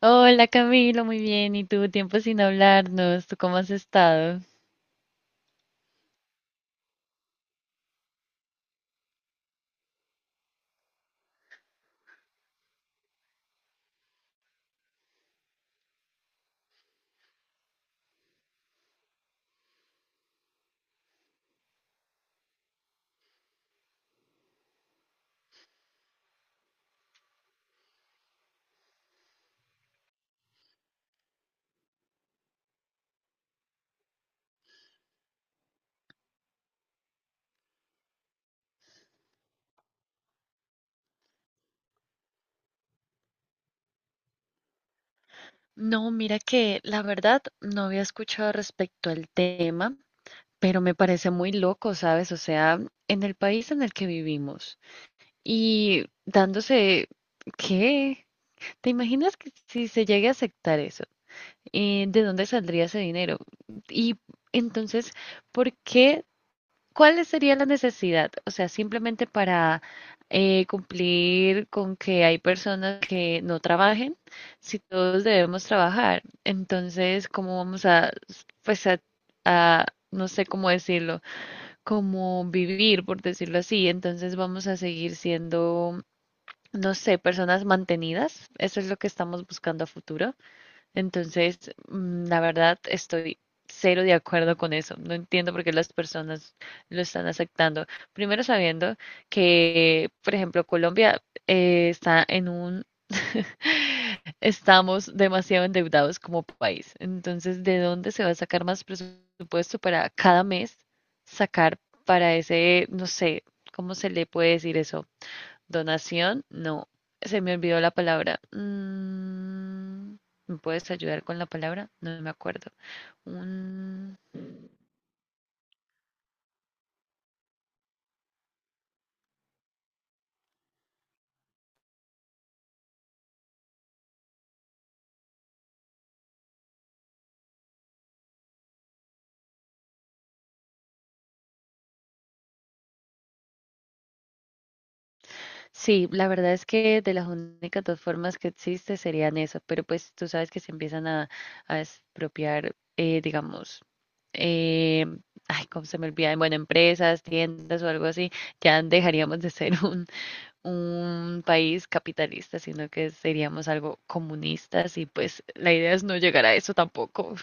Hola Camilo, muy bien. ¿Y tú? Tiempo sin hablarnos. ¿Tú cómo has estado? No, mira que la verdad no había escuchado respecto al tema, pero me parece muy loco, ¿sabes? O sea, en el país en el que vivimos y dándose, ¿qué? ¿Te imaginas que si se llegue a aceptar eso? ¿De dónde saldría ese dinero? Y entonces, ¿por qué? ¿Cuál sería la necesidad? O sea, simplemente para cumplir con que hay personas que no trabajen, si todos debemos trabajar, entonces, ¿cómo vamos a, pues, a, no sé cómo decirlo, como vivir, por decirlo así? Entonces vamos a seguir siendo, no sé, personas mantenidas. Eso es lo que estamos buscando a futuro. Entonces, la verdad, estoy cero de acuerdo con eso. No entiendo por qué las personas lo están aceptando. Primero sabiendo que, por ejemplo, Colombia está en un... Estamos demasiado endeudados como país. Entonces, ¿de dónde se va a sacar más presupuesto para cada mes sacar para ese, no sé, ¿cómo se le puede decir eso? Donación, no, se me olvidó la palabra. ¿Me puedes ayudar con la palabra? No me acuerdo. Un- Sí, la verdad es que de las únicas dos formas que existe serían eso, pero pues tú sabes que se empiezan a expropiar, digamos, eh, ay, cómo se me olvida, bueno, empresas, tiendas o algo así, ya dejaríamos de ser un país capitalista, sino que seríamos algo comunistas y pues la idea es no llegar a eso tampoco.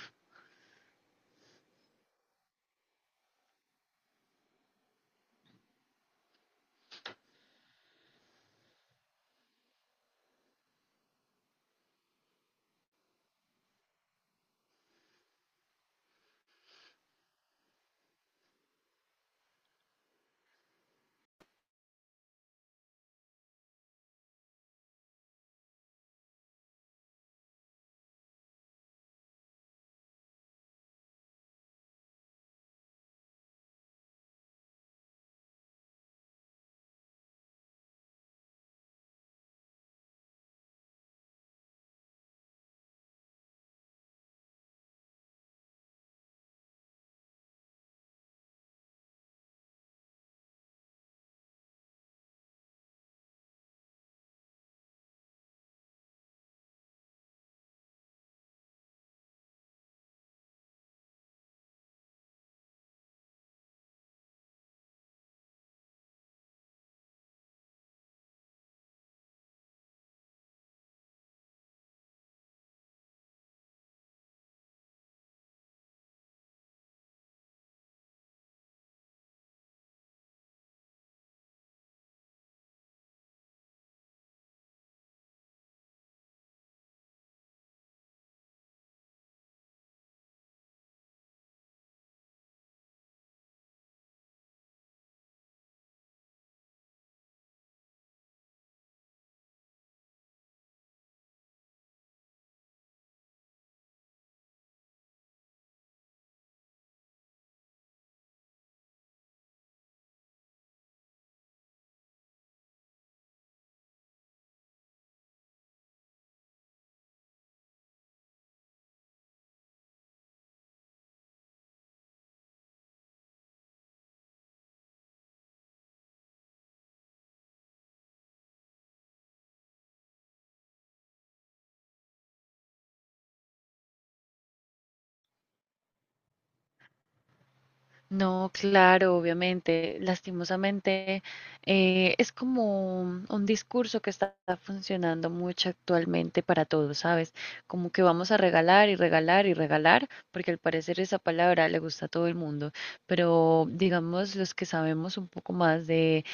No, claro, obviamente, lastimosamente, es como un discurso que está funcionando mucho actualmente para todos, ¿sabes? Como que vamos a regalar y regalar y regalar, porque al parecer esa palabra le gusta a todo el mundo, pero digamos los que sabemos un poco más de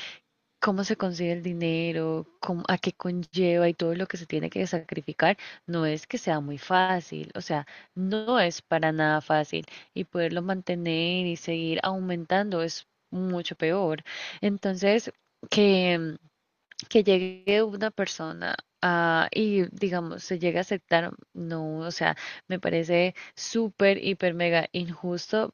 cómo se consigue el dinero, a qué conlleva y todo lo que se tiene que sacrificar, no es que sea muy fácil, o sea, no es para nada fácil y poderlo mantener y seguir aumentando es mucho peor. Entonces, que, que llegue una persona a, y digamos, se llegue a aceptar, no, o sea, me parece súper, hiper, mega injusto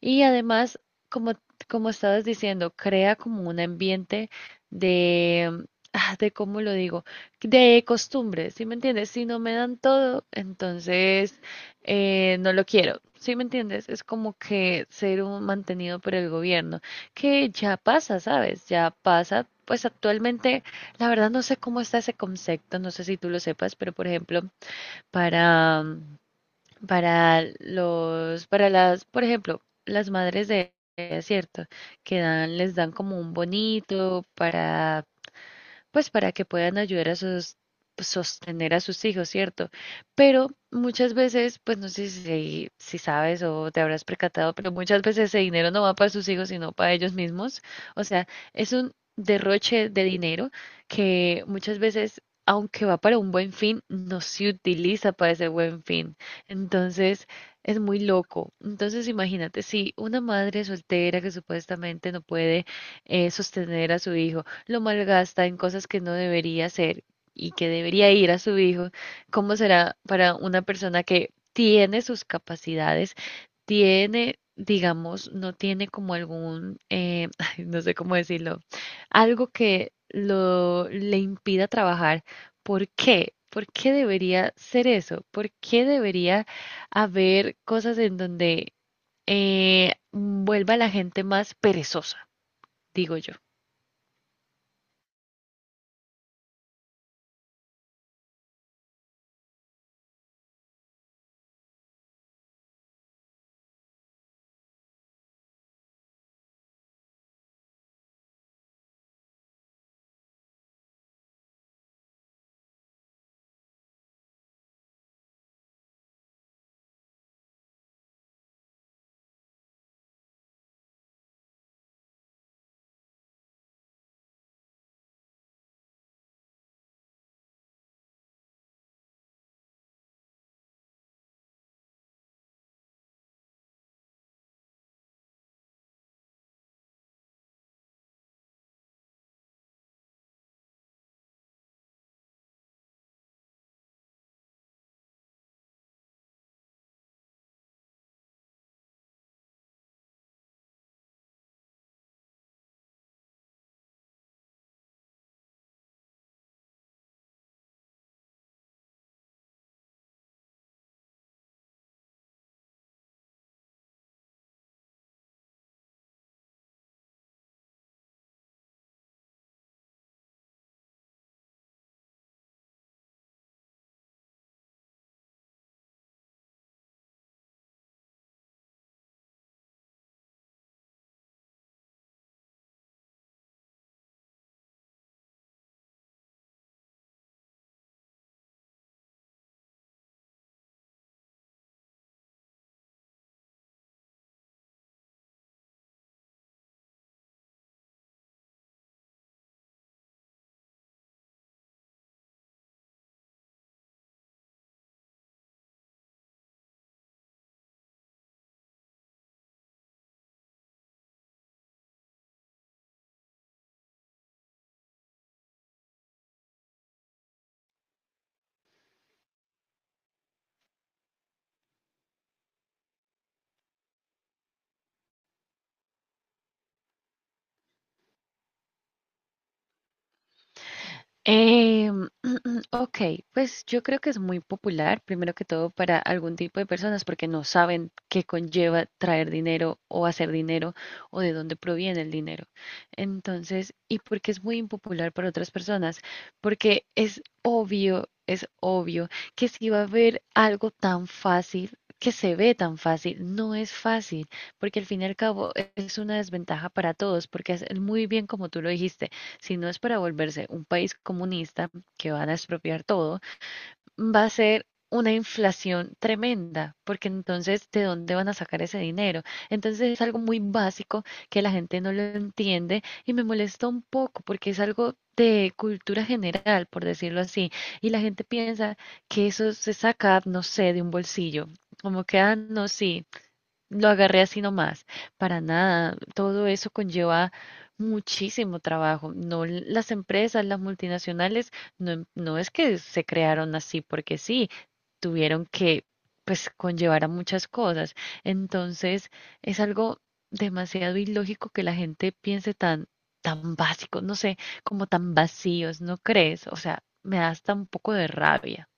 y además, como, como estabas diciendo, crea como un ambiente de, ah, de, ¿cómo lo digo? De costumbres, ¿sí me entiendes? Si no me dan todo, entonces no lo quiero, ¿sí me entiendes? Es como que ser un mantenido por el gobierno, que ya pasa, ¿sabes? Ya pasa. Pues actualmente, la verdad no sé cómo está ese concepto, no sé si tú lo sepas, pero por ejemplo, para para los, para las, por ejemplo, las madres de, es cierto, que dan, les dan como un bonito para pues para que puedan ayudar a sus pues, sostener a sus hijos, ¿cierto? Pero muchas veces, pues no sé si, si sabes o te habrás percatado, pero muchas veces ese dinero no va para sus hijos, sino para ellos mismos. O sea, es un derroche de dinero que muchas veces, aunque va para un buen fin, no se utiliza para ese buen fin. Entonces, es muy loco. Entonces, imagínate, si una madre soltera que supuestamente no puede sostener a su hijo, lo malgasta en cosas que no debería hacer y que debería ir a su hijo, ¿cómo será para una persona que tiene sus capacidades, tiene, digamos, no tiene como algún, ay, no sé cómo decirlo, algo que lo le impida trabajar? ¿Por qué? ¿Por qué debería ser eso? ¿Por qué debería haber cosas en donde vuelva la gente más perezosa, digo yo? Eh, ok, pues yo creo que es muy popular, primero que todo, para algún tipo de personas porque no saben qué conlleva traer dinero o hacer dinero o de dónde proviene el dinero. Entonces, ¿y por qué es muy impopular para otras personas? Porque es obvio que si va a haber algo tan fácil, que se ve tan fácil, no es fácil, porque al fin y al cabo es una desventaja para todos, porque es muy bien como tú lo dijiste si no es para volverse un país comunista que van a expropiar todo, va a ser una inflación tremenda, porque entonces, ¿de dónde van a sacar ese dinero? Entonces es algo muy básico que la gente no lo entiende y me molesta un poco porque es algo de cultura general, por decirlo así, y la gente piensa que eso se saca, no sé, de un bolsillo, como que, ah, no, sí, lo agarré así nomás, para nada. Todo eso conlleva muchísimo trabajo. No, las empresas, las multinacionales, no, no es que se crearon así porque sí, tuvieron que, pues, conllevar a muchas cosas. Entonces, es algo demasiado ilógico que la gente piense tan, tan básico, no sé, como tan vacíos, ¿no crees? O sea, me da hasta un poco de rabia.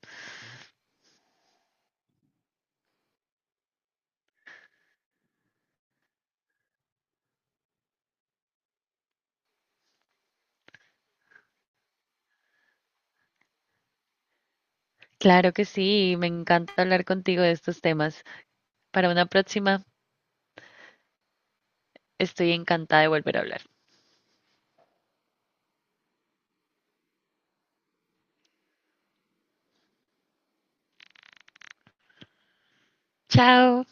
Claro que sí, me encanta hablar contigo de estos temas. Para una próxima. Estoy encantada de volver a hablar. Chao.